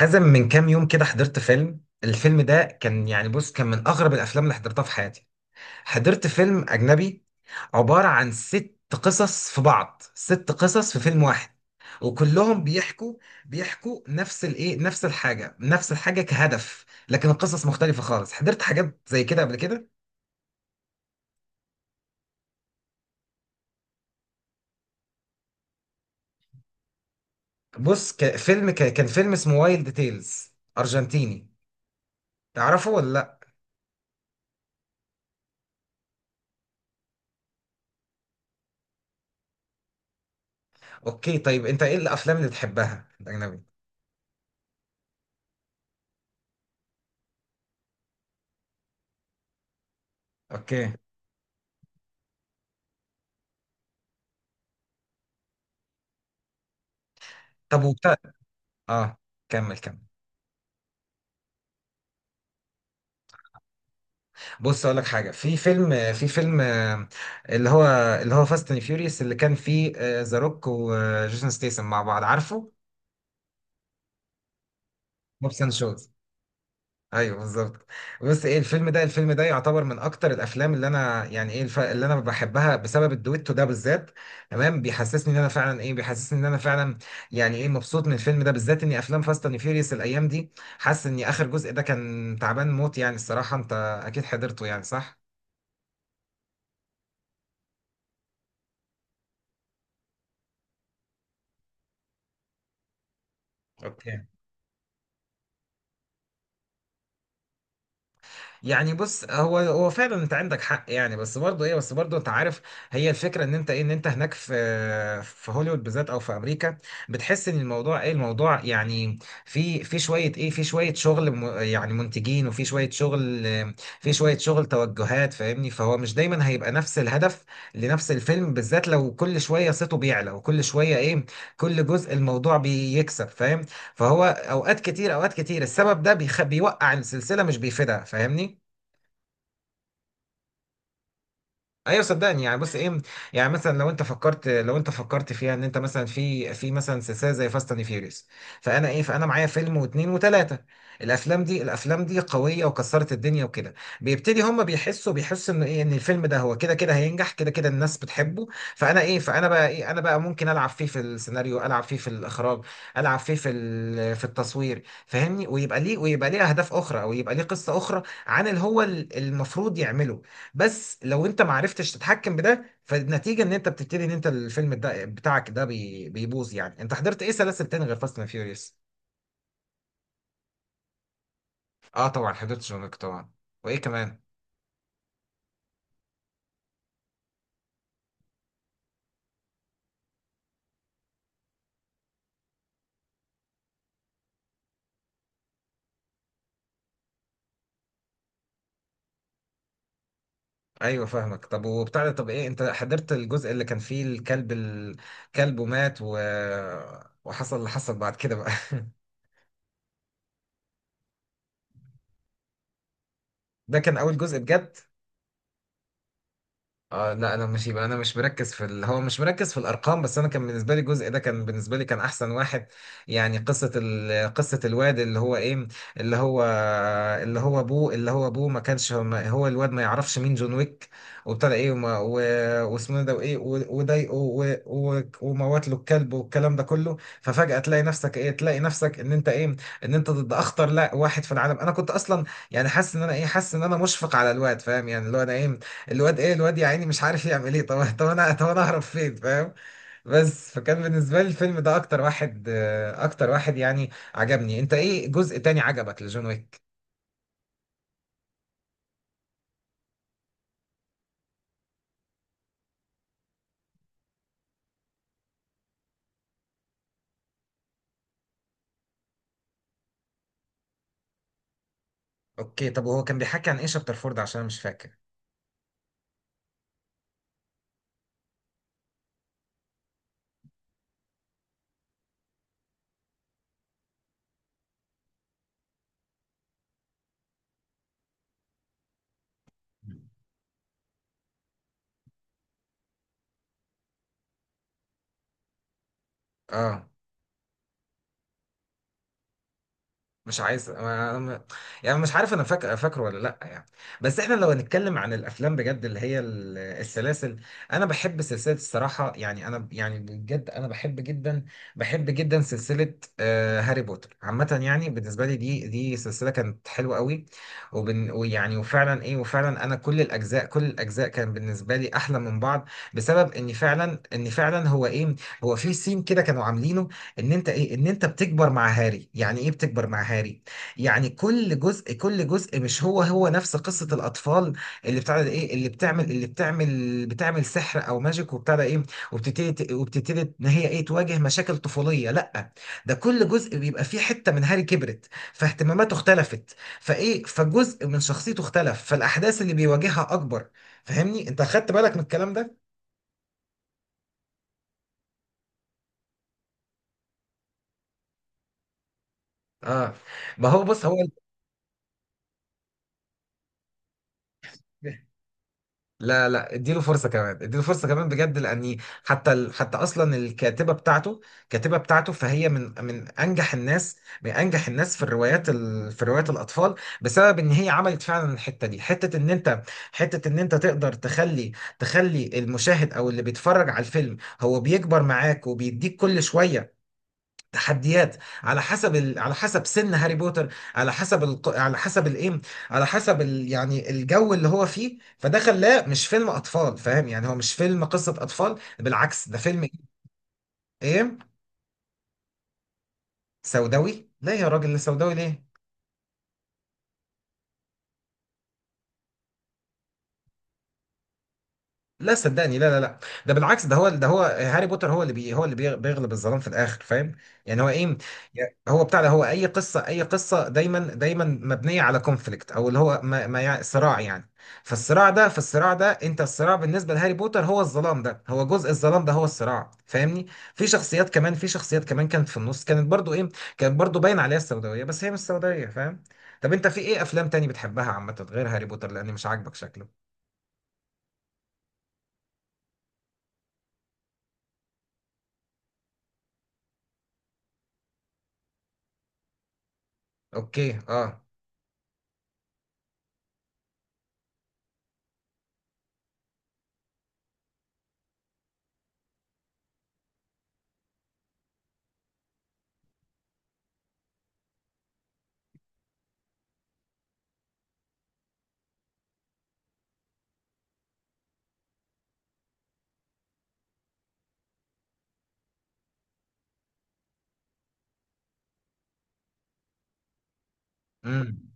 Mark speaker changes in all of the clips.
Speaker 1: حازم، من كام يوم كده حضرت فيلم. الفيلم ده كان، يعني بص، كان من أغرب الأفلام اللي حضرتها في حياتي. حضرت فيلم أجنبي عبارة عن ست قصص في بعض. ست قصص في فيلم واحد، وكلهم بيحكوا نفس الإيه، نفس الحاجة. نفس الحاجة كهدف، لكن القصص مختلفة خالص. حضرت حاجات زي كده قبل كده؟ بص، كان فيلم اسمه وايلد تيلز، أرجنتيني. تعرفه ولا لأ؟ أوكي، طيب أنت إيه الأفلام اللي بتحبها الأجنبي؟ أوكي. طب، اه، كمل، كمل. بص، اقول لك حاجه. في فيلم، في فيلم، اللي هو اللي هو فاست اند فيوريوس، اللي كان فيه ذا روك وجيسون ستيسن مع بعض، عارفه؟ موبس اند شوز. ايوه، بالظبط. بص، ايه الفيلم ده؟ الفيلم ده يعتبر من اكتر الافلام اللي انا، يعني ايه، اللي انا بحبها، بسبب الدويتو ده بالذات. تمام؟ بيحسسني ان انا فعلا ايه، بيحسسني ان انا فعلا يعني ايه، مبسوط من الفيلم ده بالذات. اني افلام فاست اند فيوريوس الايام دي، حاسس ان اخر جزء ده كان تعبان موت يعني. الصراحه انت اكيد حضرته، يعني صح؟ اوكي. يعني بص، هو فعلا انت عندك حق يعني، بس برضه ايه، بس برضه انت عارف هي الفكره ان انت ايه، ان انت هناك في، في هوليوود بالذات او في امريكا، بتحس ان الموضوع ايه، الموضوع يعني في، في شويه ايه، في شويه شغل يعني منتجين، وفي شويه شغل، في شويه شغل توجهات، فاهمني؟ فهو مش دايما هيبقى نفس الهدف لنفس الفيلم بالذات. لو كل شويه صيته بيعلى، وكل شويه ايه، كل جزء الموضوع بيكسب، فاهم؟ فهو اوقات كتير، اوقات كتير السبب ده بيوقع السلسله، مش بيفيدها، فاهمني؟ ايوه صدقني. يعني بص ايه، يعني مثلا لو انت فكرت، لو انت فكرت فيها ان انت مثلا في، في مثلا سلسله زي فاست اند فيوريوس، فانا ايه، فانا معايا فيلم واثنين وثلاثه. الافلام دي قويه وكسرت الدنيا وكده. بيبتدي هم بيحسوا ان ايه، ان الفيلم ده هو كده كده هينجح، كده كده الناس بتحبه. فانا ايه، فانا بقى ايه، انا بقى ممكن العب فيه في السيناريو، العب فيه في الاخراج، العب فيه في في التصوير، فاهمني؟ ويبقى ليه، ويبقى ليه اهداف اخرى، او يبقى ليه قصه اخرى عن اللي هو المفروض يعمله. بس لو انت ما عرفتش تتحكم بده، فالنتيجه ان انت بتبتدي ان انت الفيلم ده بتاعك ده بيبوظ يعني. انت حضرت ايه سلاسل تاني غير فاست اند فيوريوس؟ اه طبعا، حضرت جون ويك طبعا. وايه كمان؟ ايوه فاهمك. طب وبتاع ده، طب ايه، انت حضرت الجزء اللي كان فيه الكلب؟ الكلب ومات وحصل اللي حصل بعد كده بقى؟ ده كان اول جزء بجد. اه لا، انا مش، يبقى انا مش مركز في هو مش مركز في الارقام. بس انا كان بالنسبه لي الجزء ده، كان بالنسبه لي كان احسن واحد. يعني قصه الواد اللي هو ايه، اللي هو اللي هو ابوه، اللي هو ابوه ما كانش هو، ما... هو الواد ما يعرفش مين جون ويك. وابتدى ايه، واسمه إيه ده وايه وضايقه وموت له الكلب والكلام ده كله. ففجاه تلاقي نفسك ايه، تلاقي نفسك ان انت ايه، ان انت ضد اخطر، لا، واحد في العالم. انا كنت اصلا يعني حاسس ان انا ايه، حاسس ان انا مشفق على الواد، فاهم يعني؟ اللي هو انا ايه، الواد ايه، الواد يا عيني مش عارف يعمل ايه. طب، طب انا، طب انا اهرب فين، فاهم؟ بس، فكان بالنسبه لي الفيلم ده اكتر واحد اكتر واحد يعني عجبني. انت ايه جزء تاني عجبك لجون ويك؟ اوكي طب، وهو كان بيحكي عن ايه شابتر فورد؟ عشان انا مش فاكر. اه مش عايز، يعني مش عارف، انا فاكر، فاكره ولا لا يعني. بس احنا لو هنتكلم عن الافلام بجد، اللي هي السلاسل، انا بحب سلسله الصراحه. يعني انا يعني بجد انا بحب جدا، بحب جدا سلسله هاري بوتر عامه. يعني بالنسبه لي، دي سلسله كانت حلوه قوي. وبن، ويعني، وفعلا ايه، وفعلا انا كل الاجزاء، كل الاجزاء كان بالنسبه لي احلى من بعض. بسبب ان فعلا، ان فعلا هو ايه، هو في سين كده كانوا عاملينه، ان انت ايه، ان انت بتكبر مع هاري. يعني ايه بتكبر مع هاري؟ يعني كل جزء، كل جزء مش هو نفس قصة الاطفال، اللي بتاع ده ايه، اللي بتعمل بتعمل سحر او ماجيك وبتاع ده ايه. وبتبتدي ان هي ايه، تواجه مشاكل طفولية. لا، ده كل جزء بيبقى فيه حتة من هاري كبرت، فاهتماماته اختلفت، فايه، فجزء من شخصيته اختلف، فالاحداث اللي بيواجهها اكبر. فاهمني؟ انت خدت بالك من الكلام ده؟ اه. ما هو بص، هو، لا لا، اديله فرصة كمان، اديله فرصة كمان بجد. لأني حتى حتى أصلا الكاتبة بتاعته، الكاتبة بتاعته فهي من أنجح الناس، من أنجح الناس في الروايات في روايات الأطفال. بسبب إن هي عملت فعلا الحتة دي، حتة إن أنت، حتة إن أنت تقدر تخلي، تخلي المشاهد أو اللي بيتفرج على الفيلم هو بيكبر معاك، وبيديك كل شوية تحديات على حسب على حسب سن هاري بوتر، على حسب على حسب الايه، على حسب يعني الجو اللي هو فيه. فده خلاه مش فيلم اطفال، فاهم يعني؟ هو مش فيلم قصة اطفال، بالعكس. ده فيلم ايه؟ سوداوي؟ لا يا راجل، لا، سوداوي ليه؟ لا صدقني، لا لا لا. ده بالعكس، ده هو، ده هو هاري بوتر هو اللي بي، هو اللي بيغلب الظلام في الاخر، فاهم؟ يعني هو ايه، يعني هو بتاع ده، هو اي قصه، اي قصه دايما، دايما مبنيه على كونفليكت، او اللي هو ما يعني صراع يعني. فالصراع ده انت، الصراع بالنسبه لهاري بوتر هو الظلام ده، هو جزء الظلام ده، هو الصراع، فاهمني؟ في شخصيات كمان كانت في النص، كانت برضو ايه، كانت برضو باين عليها السوداويه، بس هي مش سوداويه، فاهم؟ طب انت في ايه افلام تاني بتحبها عامه غير هاري بوتر، لان مش عاجبك شكله؟ اوكي. اه. امم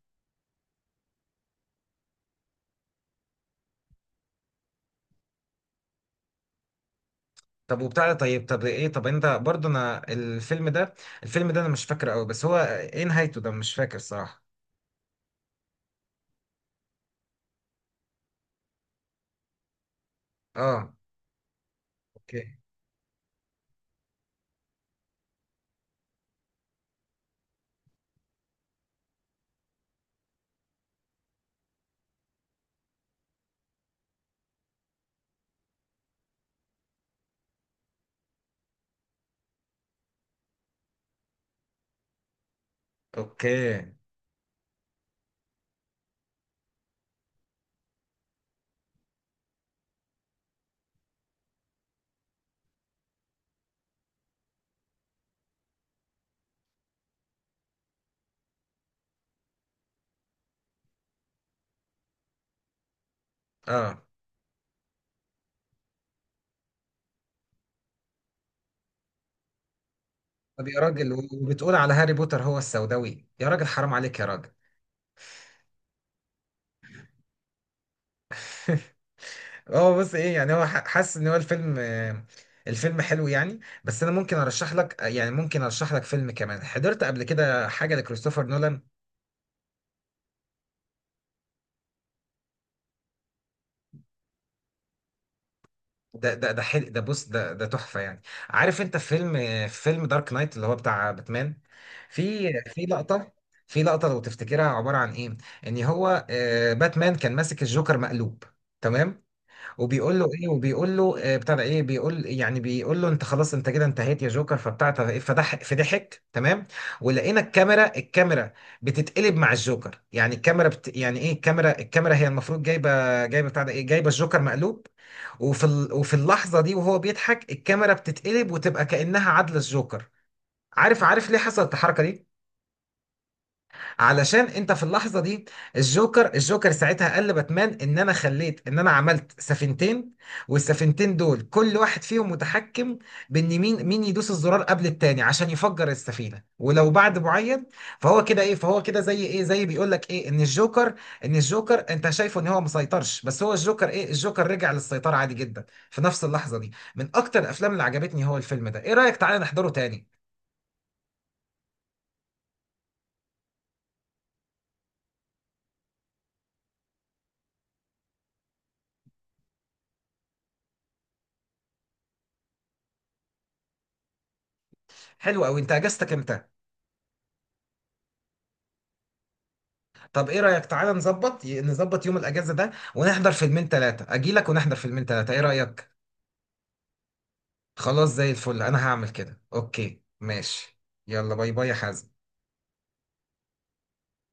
Speaker 1: طب وبتاع ده، طيب، طب ايه، طب انت برضه، انا الفيلم ده، الفيلم ده انا مش فاكره قوي، بس هو ايه نهايته ده، مش فاكر صراحة. اه. اوكي. اوكي. اه. طب يا راجل، وبتقول على هاري بوتر هو السوداوي؟ يا راجل حرام عليك يا راجل. هو بص ايه، يعني هو حاسس ان هو الفيلم الفيلم حلو يعني. بس انا ممكن ارشح لك، يعني ممكن ارشح لك فيلم كمان. حضرت قبل كده حاجة لكريستوفر نولان. ده ده ده حلو. ده بص، ده ده تحفه يعني. عارف انت فيلم، فيلم دارك نايت اللي هو بتاع باتمان؟ في، في لقطه، في لقطه لو تفتكرها عباره عن ايه، ان هو باتمان كان ماسك الجوكر مقلوب، تمام؟ وبيقول له بتاع ده ايه، بيقول، يعني بيقول له انت خلاص، انت كده انتهيت يا جوكر. فبتاع ده، ايه، فضح، فضحك، تمام؟ ولقينا الكاميرا بتتقلب مع الجوكر. يعني الكاميرا بت، يعني ايه، الكاميرا، الكاميرا هي المفروض جايبه، جايبه بتاع ده ايه، جايبه الجوكر مقلوب، وفي وفي اللحظة دي وهو بيضحك الكاميرا بتتقلب وتبقى كأنها عدلة الجوكر. عارف، عارف ليه حصلت الحركة دي؟ علشان انت في اللحظه دي، الجوكر ساعتها قال لباتمان ان انا خليت، ان انا عملت سفينتين، والسفينتين دول كل واحد فيهم متحكم بان مين، مين يدوس الزرار قبل التاني عشان يفجر السفينه، ولو بعد معين. فهو كده ايه، فهو كده زي ايه، زي بيقول لك ايه، ان الجوكر، ان الجوكر انت شايفه ان هو مسيطرش، بس هو الجوكر ايه، الجوكر رجع للسيطره عادي جدا في نفس اللحظه دي. من اكتر الافلام اللي عجبتني هو الفيلم ده، ايه رايك تعالى نحضره تاني؟ حلو قوي. انت اجازتك امتى؟ طب ايه رأيك تعالى نظبط يوم الاجازة ده ونحضر فيلمين ثلاثة، اجيلك ونحضر فيلمين ثلاثة، ايه رأيك؟ خلاص، زي الفل. انا هعمل كده، اوكي ماشي. يلا، باي باي يا حازم.